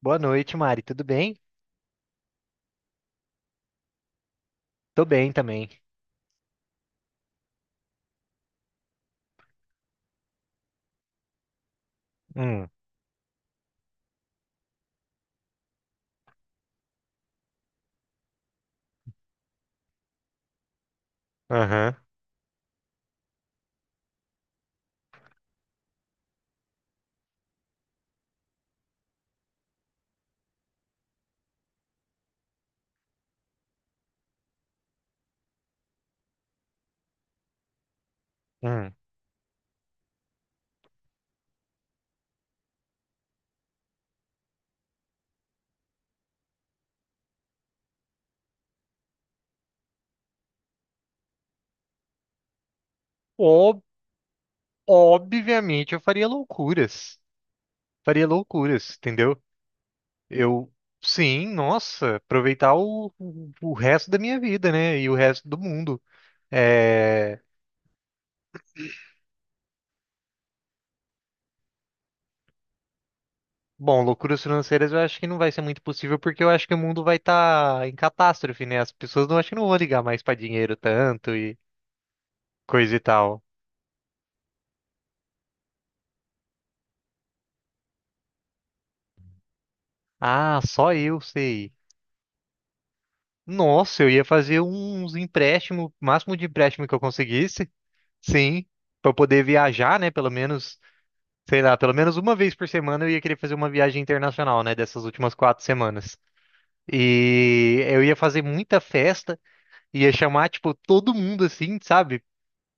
Boa noite, Mari. Tudo bem? Tô bem também. Hum, aham, hum. Ob- Obviamente eu faria loucuras. Faria loucuras, entendeu? Eu, sim, nossa, aproveitar o resto da minha vida, né? E o resto do mundo. É... Bom, loucuras financeiras eu acho que não vai ser muito possível, porque eu acho que o mundo vai estar em catástrofe, né? As pessoas não acho que não vão ligar mais pra dinheiro tanto e coisa e tal. Ah, só eu sei. Nossa, eu ia fazer uns empréstimos, máximo de empréstimo que eu conseguisse, sim, para poder viajar, né? Pelo menos, sei lá, pelo menos uma vez por semana eu ia querer fazer uma viagem internacional, né? Dessas últimas 4 semanas. E eu ia fazer muita festa, ia chamar, tipo, todo mundo assim, sabe?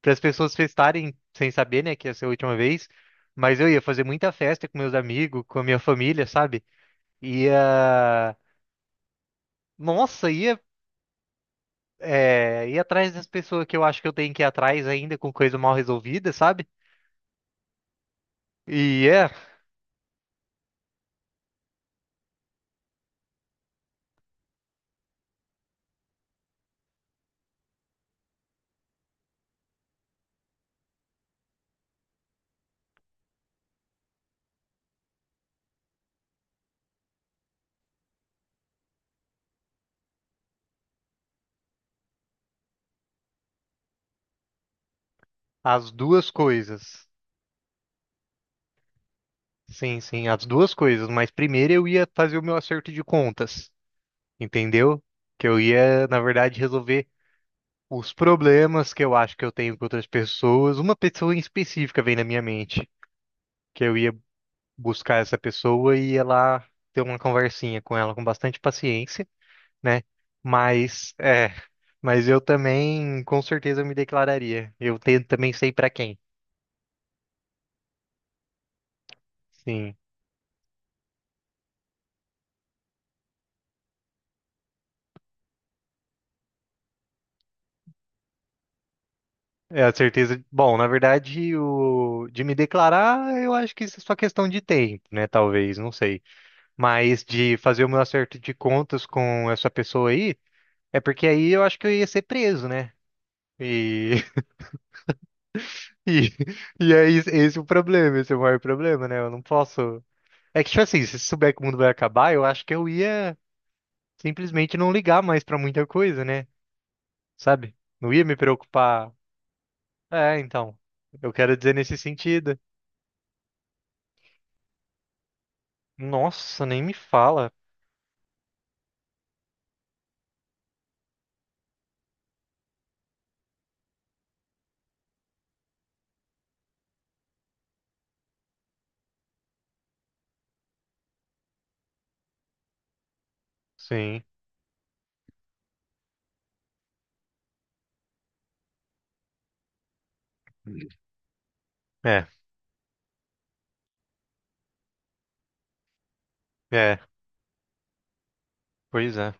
Para as pessoas festarem sem saber, né, que ia ser a última vez. Mas eu ia fazer muita festa com meus amigos, com a minha família, sabe? Ia. Nossa, ia ir atrás das pessoas que eu acho que eu tenho que ir atrás ainda com coisa mal resolvida, sabe? E é, as duas coisas. Sim, sim, as duas coisas. Mas primeiro eu ia fazer o meu acerto de contas, entendeu? Que eu ia, na verdade, resolver os problemas que eu acho que eu tenho com outras pessoas. Uma pessoa em específica vem na minha mente, que eu ia buscar essa pessoa e ia lá ter uma conversinha com ela com bastante paciência. Né? Mas é, mas eu também com certeza me declararia. Eu também sei pra quem. Sim. É a certeza. Bom, na verdade, o de me declarar, eu acho que isso é só questão de tempo, né? Talvez, não sei. Mas de fazer o meu acerto de contas com essa pessoa aí, é porque aí eu acho que eu ia ser preso, né? E e, esse é o problema, esse é o maior problema, né? Eu não posso. É que, tipo assim, se souber que o mundo vai acabar, eu acho que eu ia simplesmente não ligar mais pra muita coisa, né? Sabe? Não ia me preocupar. É, então. Eu quero dizer nesse sentido. Nossa, nem me fala. Sim. É, é, pois é.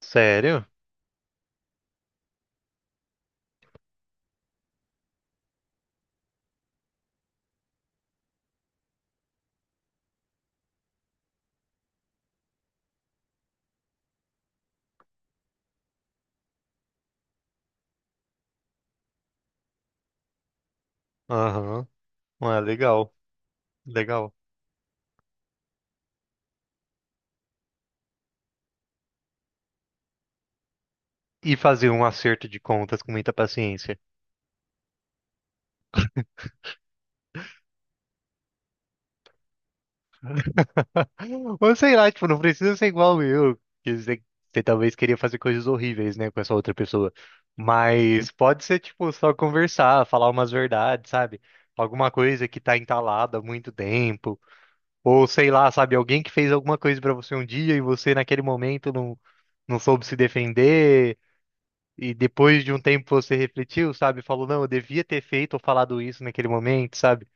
Sério? Aham. Ah, legal, legal. E fazer um acerto de contas com muita paciência. Ou sei lá, tipo, não precisa ser igual eu, que você talvez queria fazer coisas horríveis, né, com essa outra pessoa. Mas pode ser, tipo, só conversar, falar umas verdades, sabe? Alguma coisa que tá entalada há muito tempo. Ou sei lá, sabe? Alguém que fez alguma coisa pra você um dia e você naquele momento não, não soube se defender. E depois de um tempo você refletiu, sabe? Falou, não, eu devia ter feito ou falado isso naquele momento, sabe?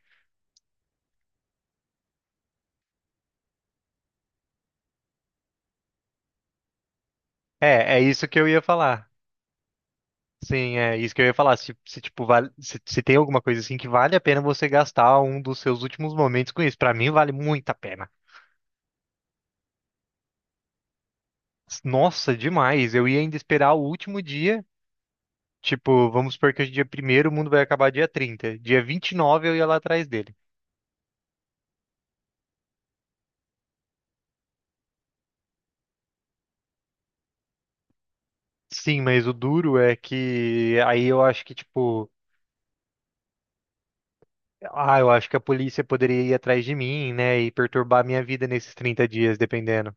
É, é isso que eu ia falar. Sim, é isso que eu ia falar. Se, tipo, vale, se tem alguma coisa assim que vale a pena você gastar um dos seus últimos momentos com isso. Pra mim, vale muito a pena. Nossa, demais. Eu ia ainda esperar o último dia. Tipo, vamos supor que hoje é dia primeiro, o mundo vai acabar dia 30. Dia 29 eu ia lá atrás dele. Sim, mas o duro é que aí eu acho que, tipo, ah, eu acho que a polícia poderia ir atrás de mim, né, e perturbar a minha vida nesses 30 dias, dependendo.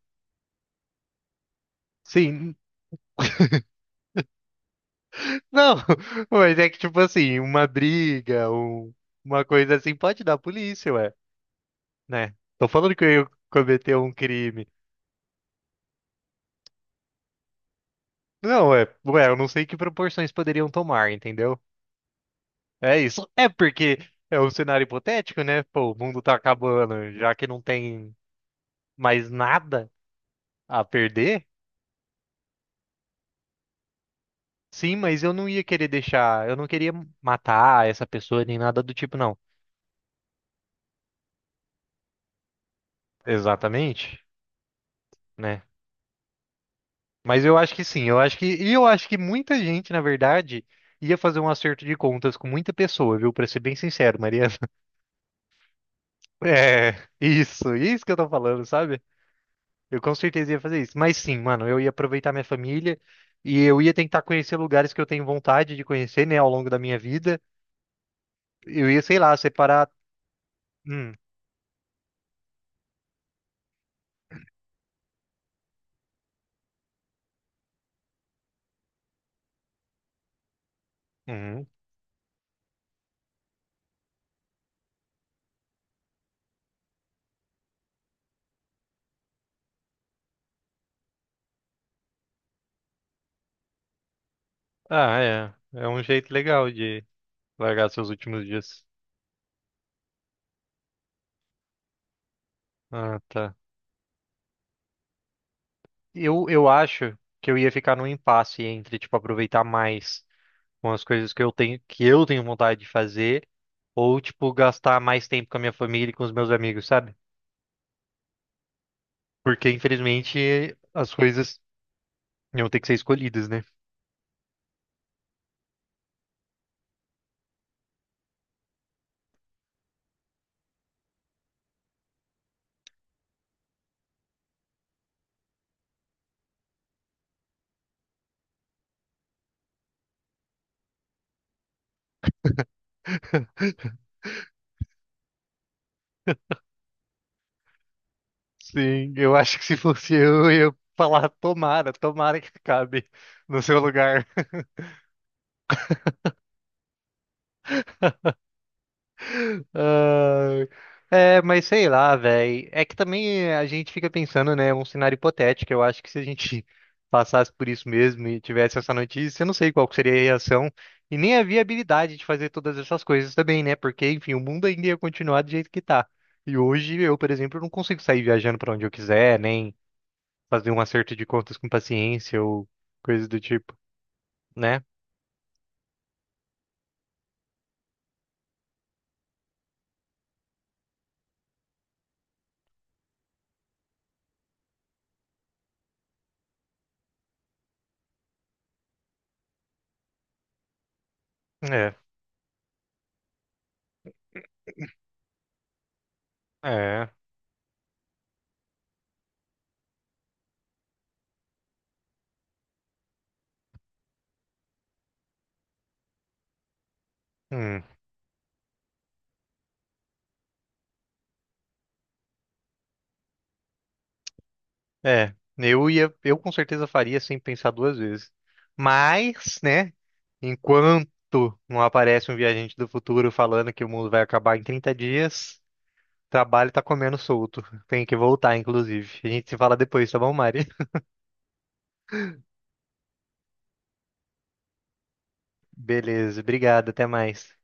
Sim, não, mas é que, tipo assim, uma briga, uma coisa assim, pode dar polícia, ué, né? Tô falando que eu cometi um crime. Não, ué, ué, eu não sei que proporções poderiam tomar, entendeu? É isso. É porque é um cenário hipotético, né? Pô, o mundo tá acabando, já que não tem mais nada a perder. Sim, mas eu não ia querer deixar, eu não queria matar essa pessoa nem nada do tipo, não. Exatamente, né? Mas eu acho que sim, eu acho que, e eu acho que muita gente, na verdade, ia fazer um acerto de contas com muita pessoa, viu? Pra ser bem sincero, Mariana. É, isso que eu tô falando, sabe? Eu com certeza ia fazer isso. Mas sim, mano, eu ia aproveitar minha família e eu ia tentar conhecer lugares que eu tenho vontade de conhecer, né, ao longo da minha vida. Eu ia, sei lá, separar. Hum, uhum. Ah, é. É um jeito legal de largar seus últimos dias. Ah, tá. Eu acho que eu ia ficar num impasse entre, tipo, aproveitar mais com as coisas que eu tenho vontade de fazer, ou, tipo, gastar mais tempo com a minha família e com os meus amigos, sabe? Porque, infelizmente, as coisas iam ter que ser escolhidas, né? Sim, eu acho que se fosse eu ia falar, tomara, tomara que acabe no seu lugar. Ai. É, mas sei lá, velho. É que também a gente fica pensando, né? Um cenário hipotético. Eu acho que se a gente passasse por isso mesmo e tivesse essa notícia, eu não sei qual que seria a reação e nem a viabilidade de fazer todas essas coisas também, né? Porque, enfim, o mundo ainda ia continuar do jeito que tá. E hoje eu, por exemplo, não consigo sair viajando pra onde eu quiser, nem fazer um acerto de contas com paciência ou coisa do tipo, né? É, é. Hum. É, eu ia, eu com certeza faria sem pensar duas vezes. Mas, né, enquanto não aparece um viajante do futuro falando que o mundo vai acabar em 30 dias, o trabalho tá comendo solto. Tem que voltar, inclusive. A gente se fala depois, tá bom, Mari? Beleza, obrigado, até mais.